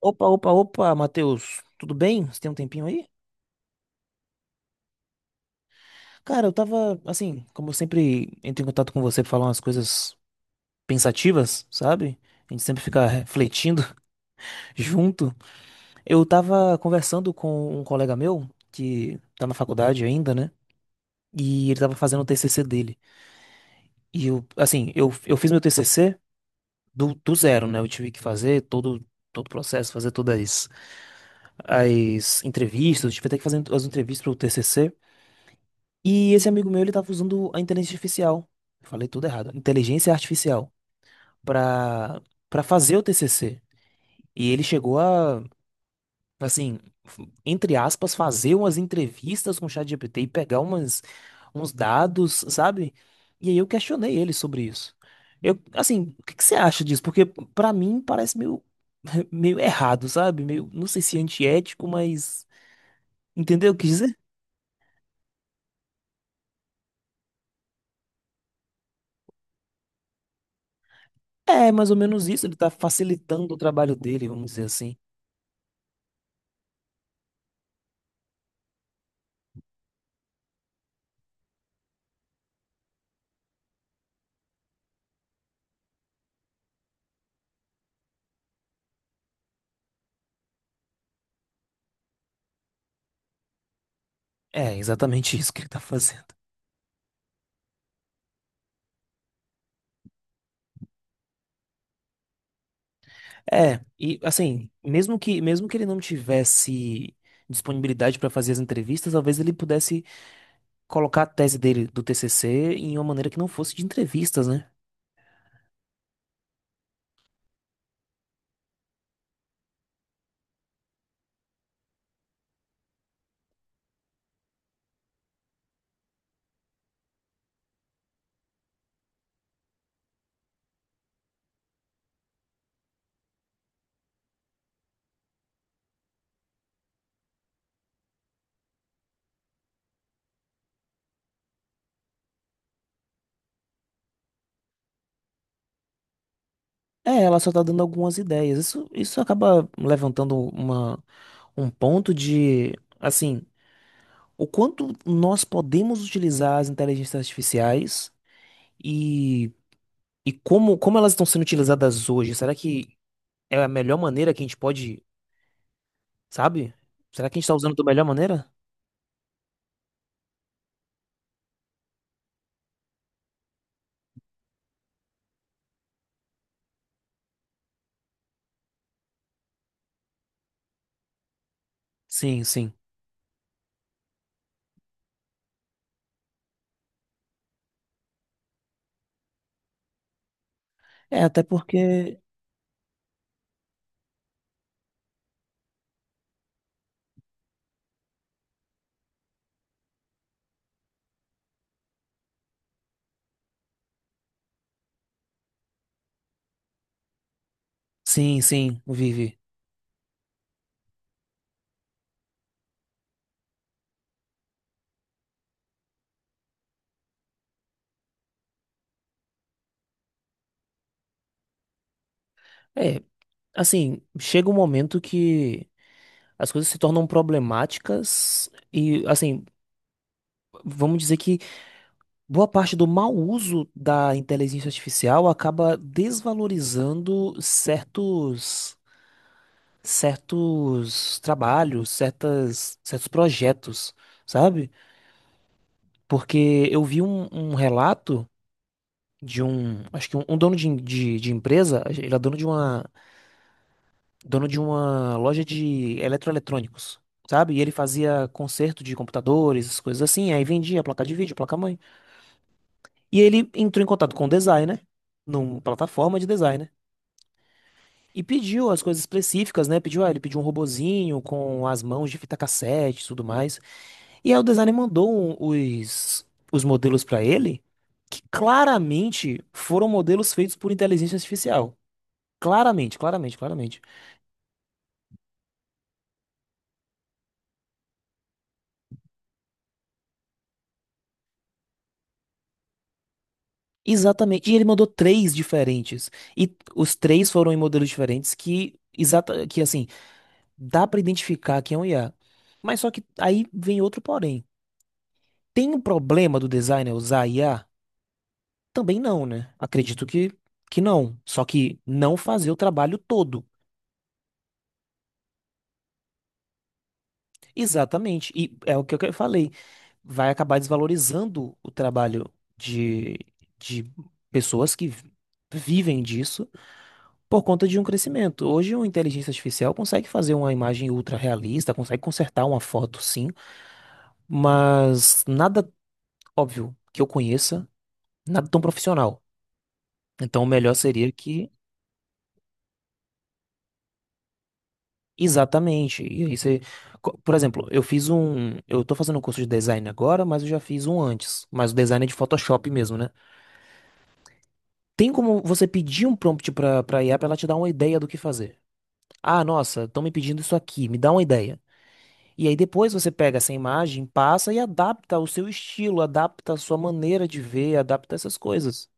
Opa, opa, opa, Matheus, tudo bem? Você tem um tempinho aí? Cara, eu tava, assim, como eu sempre entro em contato com você pra falar umas coisas pensativas, sabe? A gente sempre fica refletindo junto. Eu tava conversando com um colega meu, que tá na faculdade ainda, né? E ele tava fazendo o TCC dele. E eu, assim, eu fiz meu TCC do zero, né? Eu tive que fazer todo o processo, fazer todas as entrevistas, tive até que fazer as entrevistas pro TCC. E esse amigo meu, ele tava usando a inteligência artificial. Eu falei tudo errado. Inteligência artificial para para fazer o TCC. E ele chegou a, assim, entre aspas, fazer umas entrevistas com o ChatGPT e pegar umas uns dados, sabe? E aí eu questionei ele sobre isso. Eu, assim, o que que você acha disso? Porque pra mim parece meio meio errado, sabe? Meio, não sei se é antiético, mas entendeu o que dizer? É, mais ou menos isso. Ele tá facilitando o trabalho dele, vamos dizer assim. É exatamente isso que ele tá fazendo. É, e assim, mesmo que ele não tivesse disponibilidade para fazer as entrevistas, talvez ele pudesse colocar a tese dele do TCC em uma maneira que não fosse de entrevistas, né? É, ela só tá dando algumas ideias. Isso acaba levantando uma um ponto de, assim, o quanto nós podemos utilizar as inteligências artificiais e como elas estão sendo utilizadas hoje? Será que é a melhor maneira que a gente pode? Sabe? Será que a gente tá usando da melhor maneira? Sim, sim. É, até porque. Sim, sim, vive. É, assim, chega um momento que as coisas se tornam problemáticas e, assim, vamos dizer que boa parte do mau uso da inteligência artificial acaba desvalorizando certos trabalhos, certos projetos, sabe? Porque eu vi um relato. De um dono de empresa. Ele é dono de uma loja de eletroeletrônicos, sabe? E ele fazia conserto de computadores, essas coisas assim, aí vendia placa de vídeo, placa mãe. E ele entrou em contato com o designer, numa plataforma de designer, e pediu as coisas específicas, né? Pediu, ah, ele pediu um robozinho com as mãos de fita cassete e tudo mais. E aí o designer mandou um, os, os modelos pra ele, que claramente foram modelos feitos por inteligência artificial. Claramente, claramente, claramente. Exatamente. E ele mandou três diferentes. E os três foram em modelos diferentes que, que, assim, dá pra identificar que é um IA. Mas só que aí vem outro porém. Tem um problema do designer usar IA? Também não, né? Acredito que não. Só que não fazer o trabalho todo. Exatamente. E é o que eu falei. Vai acabar desvalorizando o trabalho de, de pessoas que vivem disso por conta de um crescimento. Hoje, uma inteligência artificial consegue fazer uma imagem ultra realista, consegue consertar uma foto, sim, mas nada óbvio que eu conheça, nada tão profissional. Então, o melhor seria que. Exatamente. E aí você... Por exemplo, eu fiz um. Eu tô fazendo um curso de design agora, mas eu já fiz um antes. Mas o design é de Photoshop mesmo, né? Tem como você pedir um prompt pra IA pra ela te dar uma ideia do que fazer. Ah, nossa, estão me pedindo isso aqui, me dá uma ideia. E aí depois você pega essa imagem, passa e adapta ao seu estilo, adapta a sua maneira de ver, adapta essas coisas.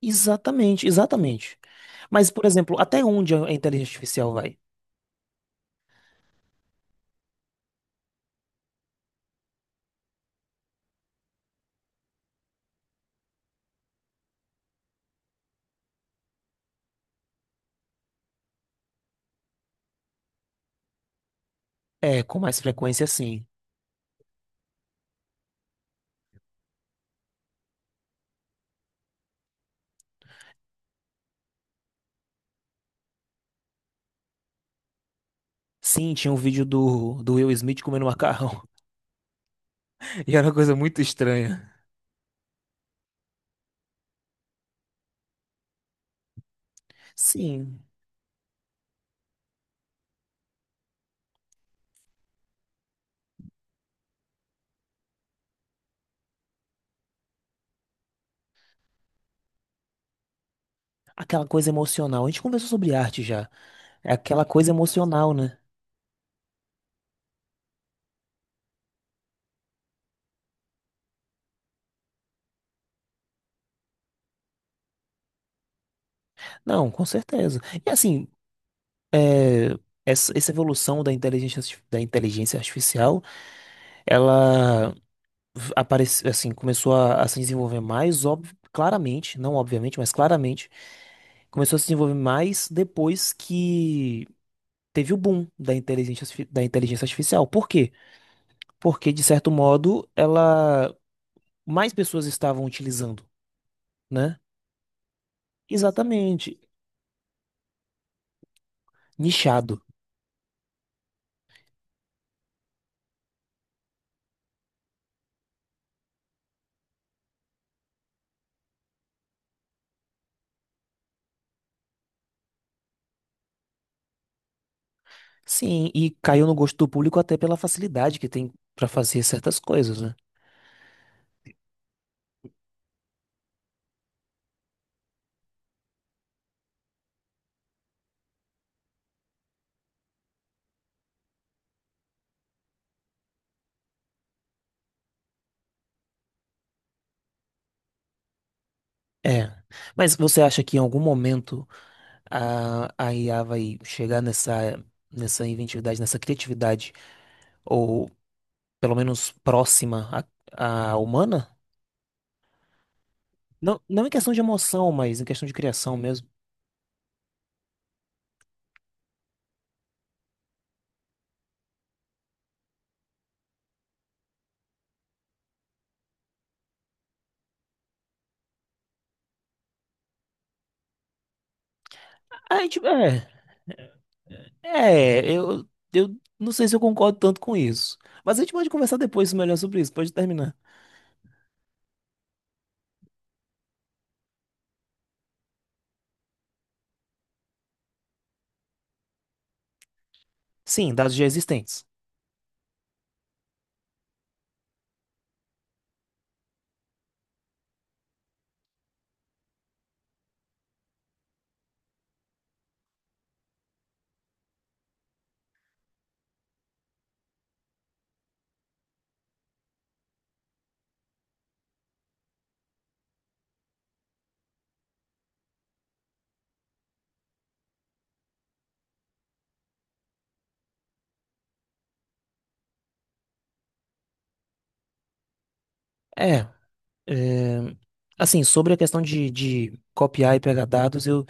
Exatamente, exatamente. Mas, por exemplo, até onde a inteligência artificial vai? É, com mais frequência, sim. Sim, tinha um vídeo do Will Smith comendo macarrão. E era uma coisa muito estranha. Sim. Aquela coisa emocional. A gente conversou sobre arte já. É aquela coisa emocional, né? Não, com certeza. E, assim, é, essa evolução da da inteligência artificial, ela aparece, assim, começou a se desenvolver mais, óbvio, claramente, não obviamente, mas claramente, começou a se desenvolver mais depois que teve o boom da da inteligência artificial. Por quê? Porque, de certo modo, ela mais pessoas estavam utilizando, né? Exatamente. Nichado. Sim, e caiu no gosto do público até pela facilidade que tem pra fazer certas coisas, né? É. Mas você acha que em algum momento a IA vai chegar nessa inventividade, nessa criatividade, ou pelo menos próxima à humana? Não, não em questão de emoção, mas em questão de criação mesmo. A gente, é, eu, eu não sei se eu concordo tanto com isso. Mas a gente pode conversar depois melhor sobre isso, pode terminar. Sim, dados já existentes. É. É, assim, sobre a questão de copiar e pegar dados,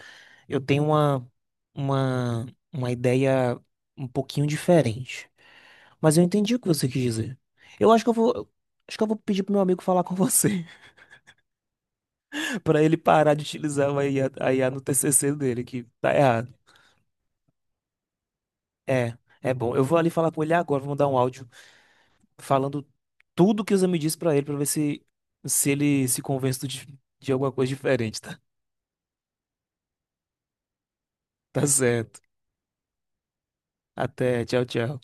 eu tenho uma, uma ideia um pouquinho diferente. Mas eu entendi o que você quis dizer. Eu acho que eu vou, acho que eu vou pedir pro meu amigo falar com você, para ele parar de utilizar a IA, no TCC dele, que tá errado. É, é bom. Eu vou ali falar com ele agora, vou mandar um áudio falando tudo que o Zé me disse pra ele, pra ver se ele se convence de alguma coisa diferente, tá? Tá certo. Até, tchau, tchau.